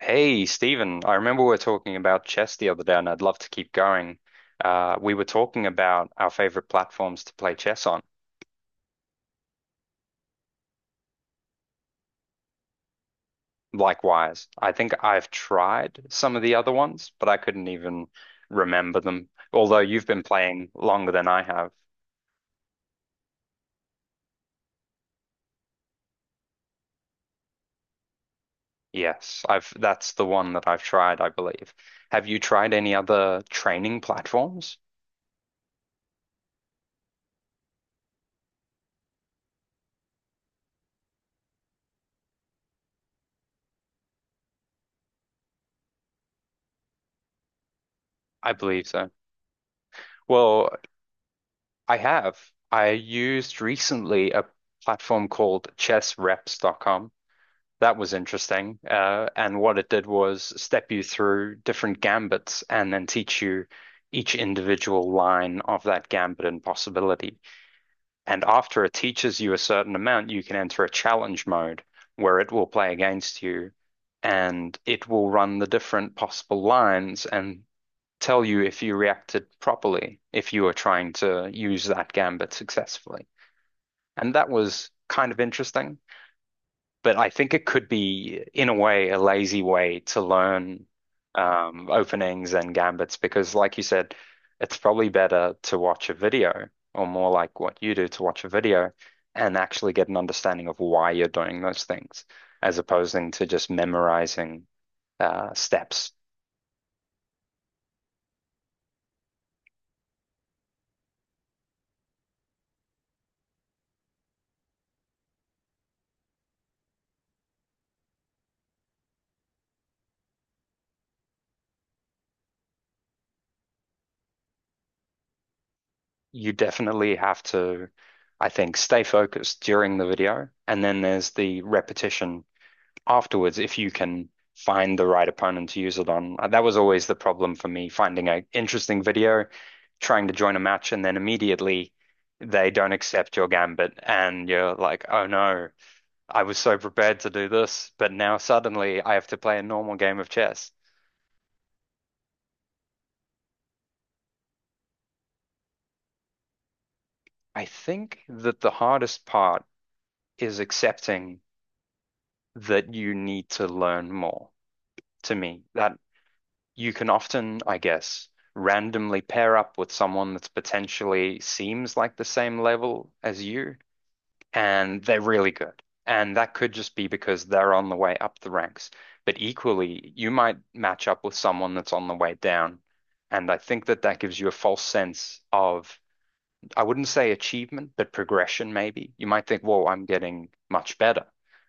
Hey, Stephen, I remember we were talking about chess the other day, and I'd love to keep going. We were talking about our favorite platforms to play chess on. Likewise, I think I've tried some of the other ones, but I couldn't even remember them. Although you've been playing longer than I have. Yes, I've that's the one that I've tried, I believe. Have you tried any other training platforms? I believe so. Well, I have. I used recently a platform called chessreps.com. That was interesting. And what it did was step you through different gambits and then teach you each individual line of that gambit and possibility. And after it teaches you a certain amount, you can enter a challenge mode where it will play against you and it will run the different possible lines and tell you if you reacted properly, if you were trying to use that gambit successfully. And that was kind of interesting, but I think it could be, in a way, a lazy way to learn openings and gambits because, like you said, it's probably better to watch a video, or more like what you do, to watch a video and actually get an understanding of why you're doing those things, as opposing to just memorizing steps. You definitely have to, I think, stay focused during the video. And then there's the repetition afterwards if you can find the right opponent to use it on. That was always the problem for me, finding an interesting video, trying to join a match, and then immediately they don't accept your gambit. And you're like, oh no, I was so prepared to do this, but now suddenly I have to play a normal game of chess. I think that the hardest part is accepting that you need to learn more. To me, that, you can often, I guess, randomly pair up with someone that's potentially seems like the same level as you, and they're really good. And that could just be because they're on the way up the ranks. But equally, you might match up with someone that's on the way down. And I think that that gives you a false sense of, I wouldn't say achievement, but progression maybe. You might think, whoa, I'm getting much better.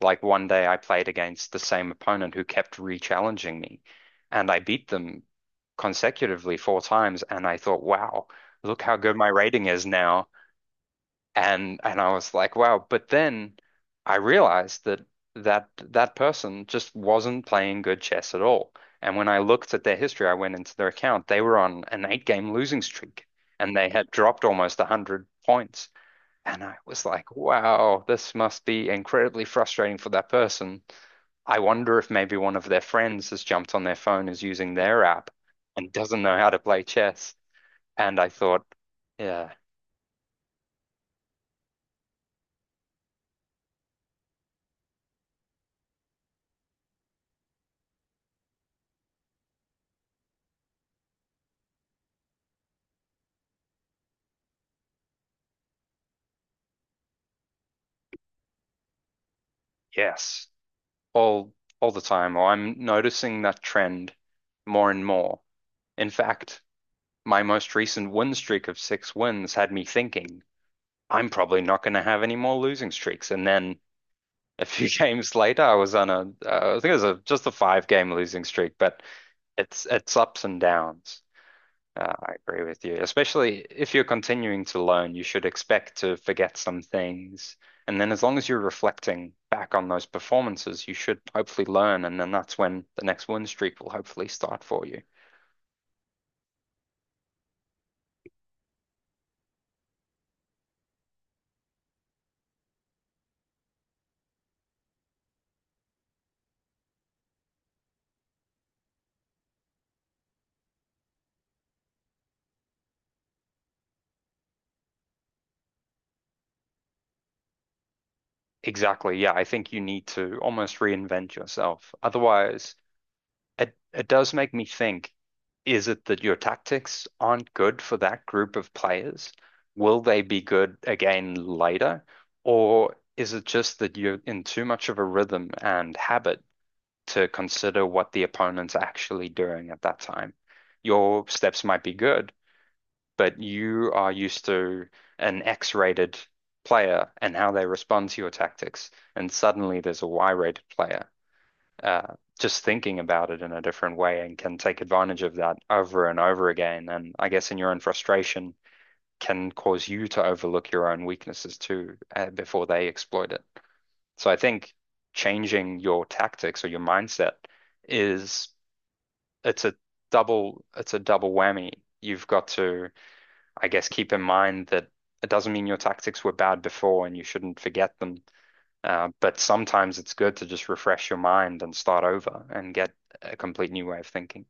Like one day I played against the same opponent who kept re-challenging me, and I beat them consecutively four times, and I thought, wow, look how good my rating is now. And I was like, wow. But then I realized that that person just wasn't playing good chess at all. And when I looked at their history, I went into their account. They were on an eight game losing streak, and they had dropped almost 100 points. And I was like, wow, this must be incredibly frustrating for that person. I wonder if maybe one of their friends has jumped on their phone, is using their app, and doesn't know how to play chess. And I thought, yeah, yes. all all the time, or I'm noticing that trend more and more. In fact, my most recent win streak of six wins had me thinking, I'm probably not going to have any more losing streaks. And then a few games later, I was on a, I think it was a, just a five game losing streak, but it's ups and downs. I agree with you. Especially if you're continuing to learn, you should expect to forget some things. And then as long as you're reflecting back on those performances, you should hopefully learn. And then that's when the next win streak will hopefully start for you. Exactly. Yeah, I think you need to almost reinvent yourself. Otherwise, it does make me think, is it that your tactics aren't good for that group of players? Will they be good again later? Or is it just that you're in too much of a rhythm and habit to consider what the opponent's actually doing at that time? Your steps might be good, but you are used to an X-rated player and how they respond to your tactics, and suddenly there's a Y-rated player just thinking about it in a different way and can take advantage of that over and over again. And I guess in your own frustration can cause you to overlook your own weaknesses too, before they exploit it. So I think changing your tactics or your mindset is it's a it's a double whammy. You've got to, I guess, keep in mind that it doesn't mean your tactics were bad before and you shouldn't forget them. But sometimes it's good to just refresh your mind and start over and get a complete new way of thinking.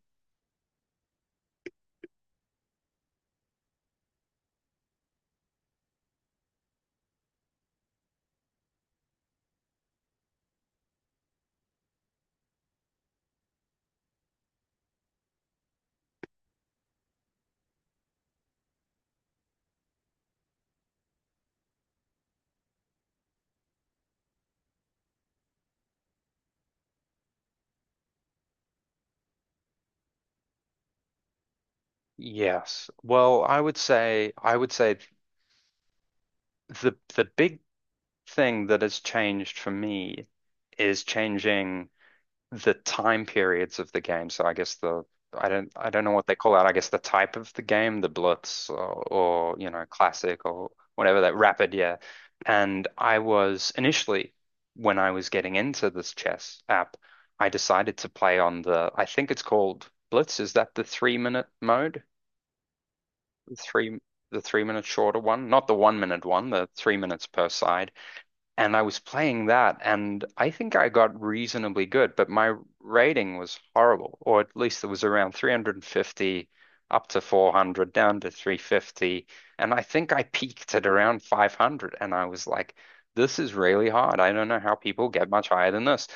Yes. Well, I would say the big thing that has changed for me is changing the time periods of the game. So I guess the, I don't know what they call that. I guess the type of the game, the Blitz, or you know, classic or whatever, that rapid, yeah. And I was initially, when I was getting into this chess app, I decided to play on the, I think it's called Blitz. Is that the 3-minute mode? The three the 3-minute shorter one, not the 1-minute one, the 3 minutes per side. And I was playing that, and I think I got reasonably good, but my rating was horrible, or at least it was around 350 up to 400, down to 350. And I think I peaked at around 500, and I was like, this is really hard. I don't know how people get much higher than this.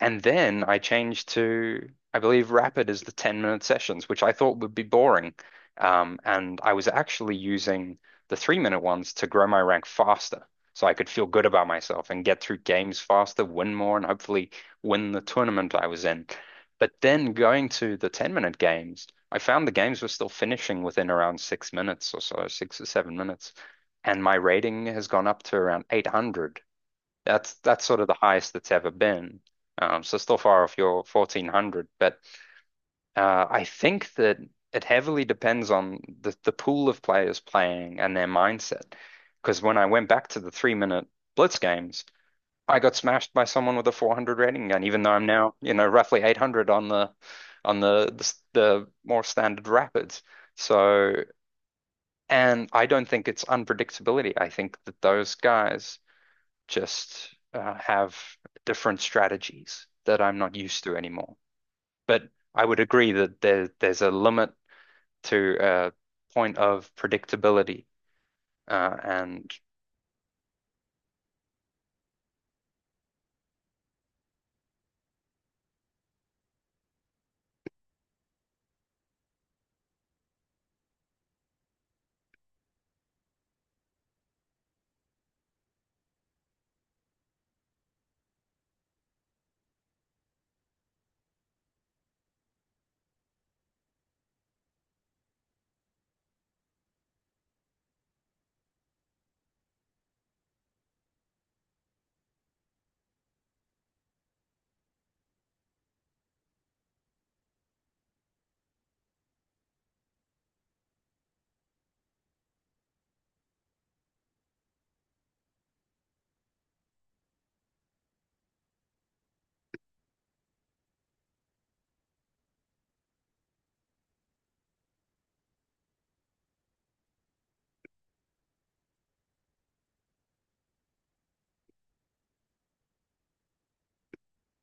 And then I changed to, I believe, Rapid is the 10-minute sessions, which I thought would be boring. And I was actually using the three-minute ones to grow my rank faster so I could feel good about myself and get through games faster, win more, and hopefully win the tournament I was in. But then going to the 10-minute games, I found the games were still finishing within around 6 minutes or so, 6 or 7 minutes. And my rating has gone up to around 800. That's sort of the highest it's ever been. So still far off your 1400, but I think that it heavily depends on the pool of players playing and their mindset. Because when I went back to the 3-minute blitz games, I got smashed by someone with a 400 rating gun, even though I'm now, you know, roughly 800 on on the the, the more standard rapids. So, and I don't think it's unpredictability. I think that those guys just have different strategies that I'm not used to anymore. But I would agree that there's a limit to a point of predictability, and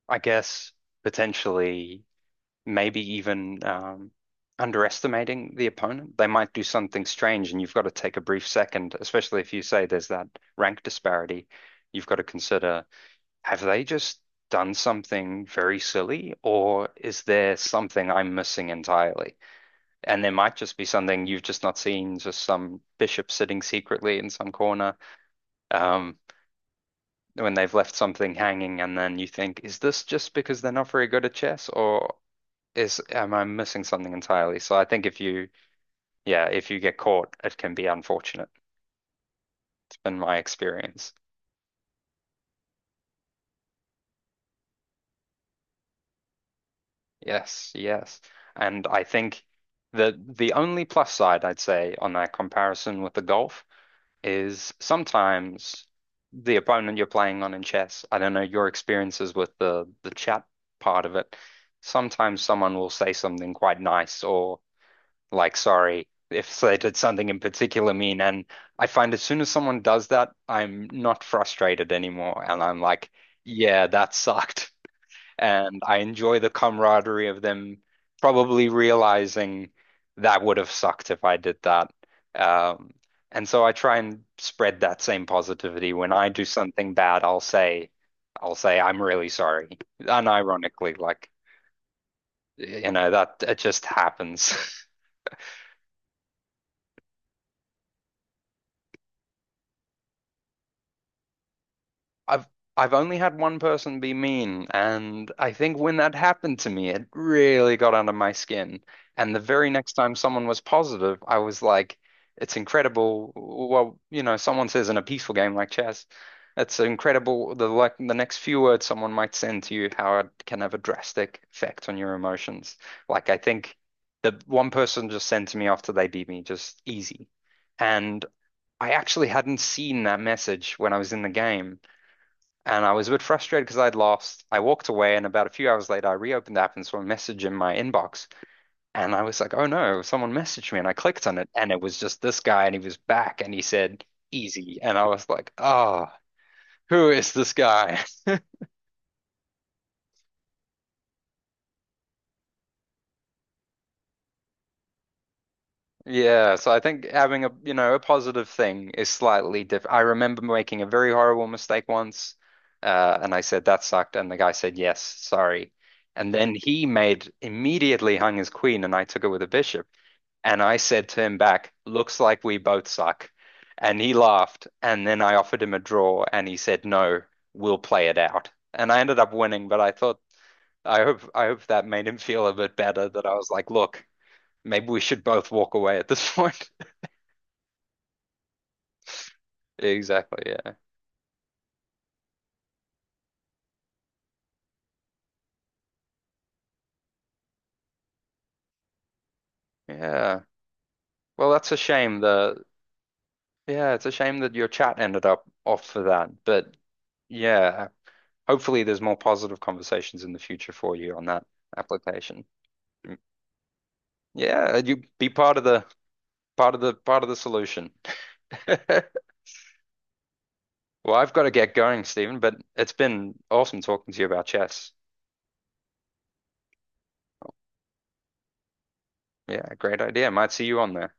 I guess potentially maybe even underestimating the opponent. They might do something strange and you've got to take a brief second, especially if you say there's that rank disparity. You've got to consider, have they just done something very silly, or is there something I'm missing entirely? And there might just be something you've just not seen, just some bishop sitting secretly in some corner. Um, when they've left something hanging and then you think, is this just because they're not very good at chess, or is am I missing something entirely? So I think if you, yeah, if you get caught, it can be unfortunate. It's been my experience. Yes, yes. And I think that the only plus side I'd say on that comparison with the golf is sometimes the opponent you're playing on in chess, I don't know your experiences with the chat part of it. Sometimes someone will say something quite nice, or like, sorry, if they did something in particular mean. And I find as soon as someone does that, I'm not frustrated anymore. And I'm like, yeah, that sucked. And I enjoy the camaraderie of them probably realizing that would have sucked if I did that. Um, and so I try and spread that same positivity. When I do something bad, I'll say, I'm really sorry. Unironically, like, you know, that it just happens. I've I've only had one person be mean, and I think when that happened to me, it really got under my skin. And the very next time someone was positive, I was like, it's incredible. Well, you know, someone says in a peaceful game like chess, it's incredible the, like, the next few words someone might send to you, how it can have a drastic effect on your emotions. Like, I think the one person just sent to me after they beat me, just, easy. And I actually hadn't seen that message when I was in the game. And I was a bit frustrated because I'd lost. I walked away, and about a few hours later, I reopened the app and saw a message in my inbox. And I was like, oh no, someone messaged me. And I clicked on it, and it was just this guy, and he was back, and he said, easy. And I was like, oh, who is this guy? Yeah. So I think having a, you know, a positive thing is slightly different. I remember making a very horrible mistake once, and I said, that sucked. And the guy said, yes, sorry. And then he made, immediately hung his queen, and I took it with a bishop. And I said to him back, looks like we both suck. And he laughed. And then I offered him a draw and he said, no, we'll play it out. And I ended up winning, but I thought, I hope that made him feel a bit better, that I was like, look, maybe we should both walk away at this point. Exactly. Yeah. Yeah. Well, that's a shame. The, yeah, it's a shame that your chat ended up off for that. But yeah, hopefully there's more positive conversations in the future for you on that application. Mm, yeah, you be part of the, part of the solution. Well, I've got to get going, Stephen, but it's been awesome talking to you about chess. Yeah, great idea. Might see you on there.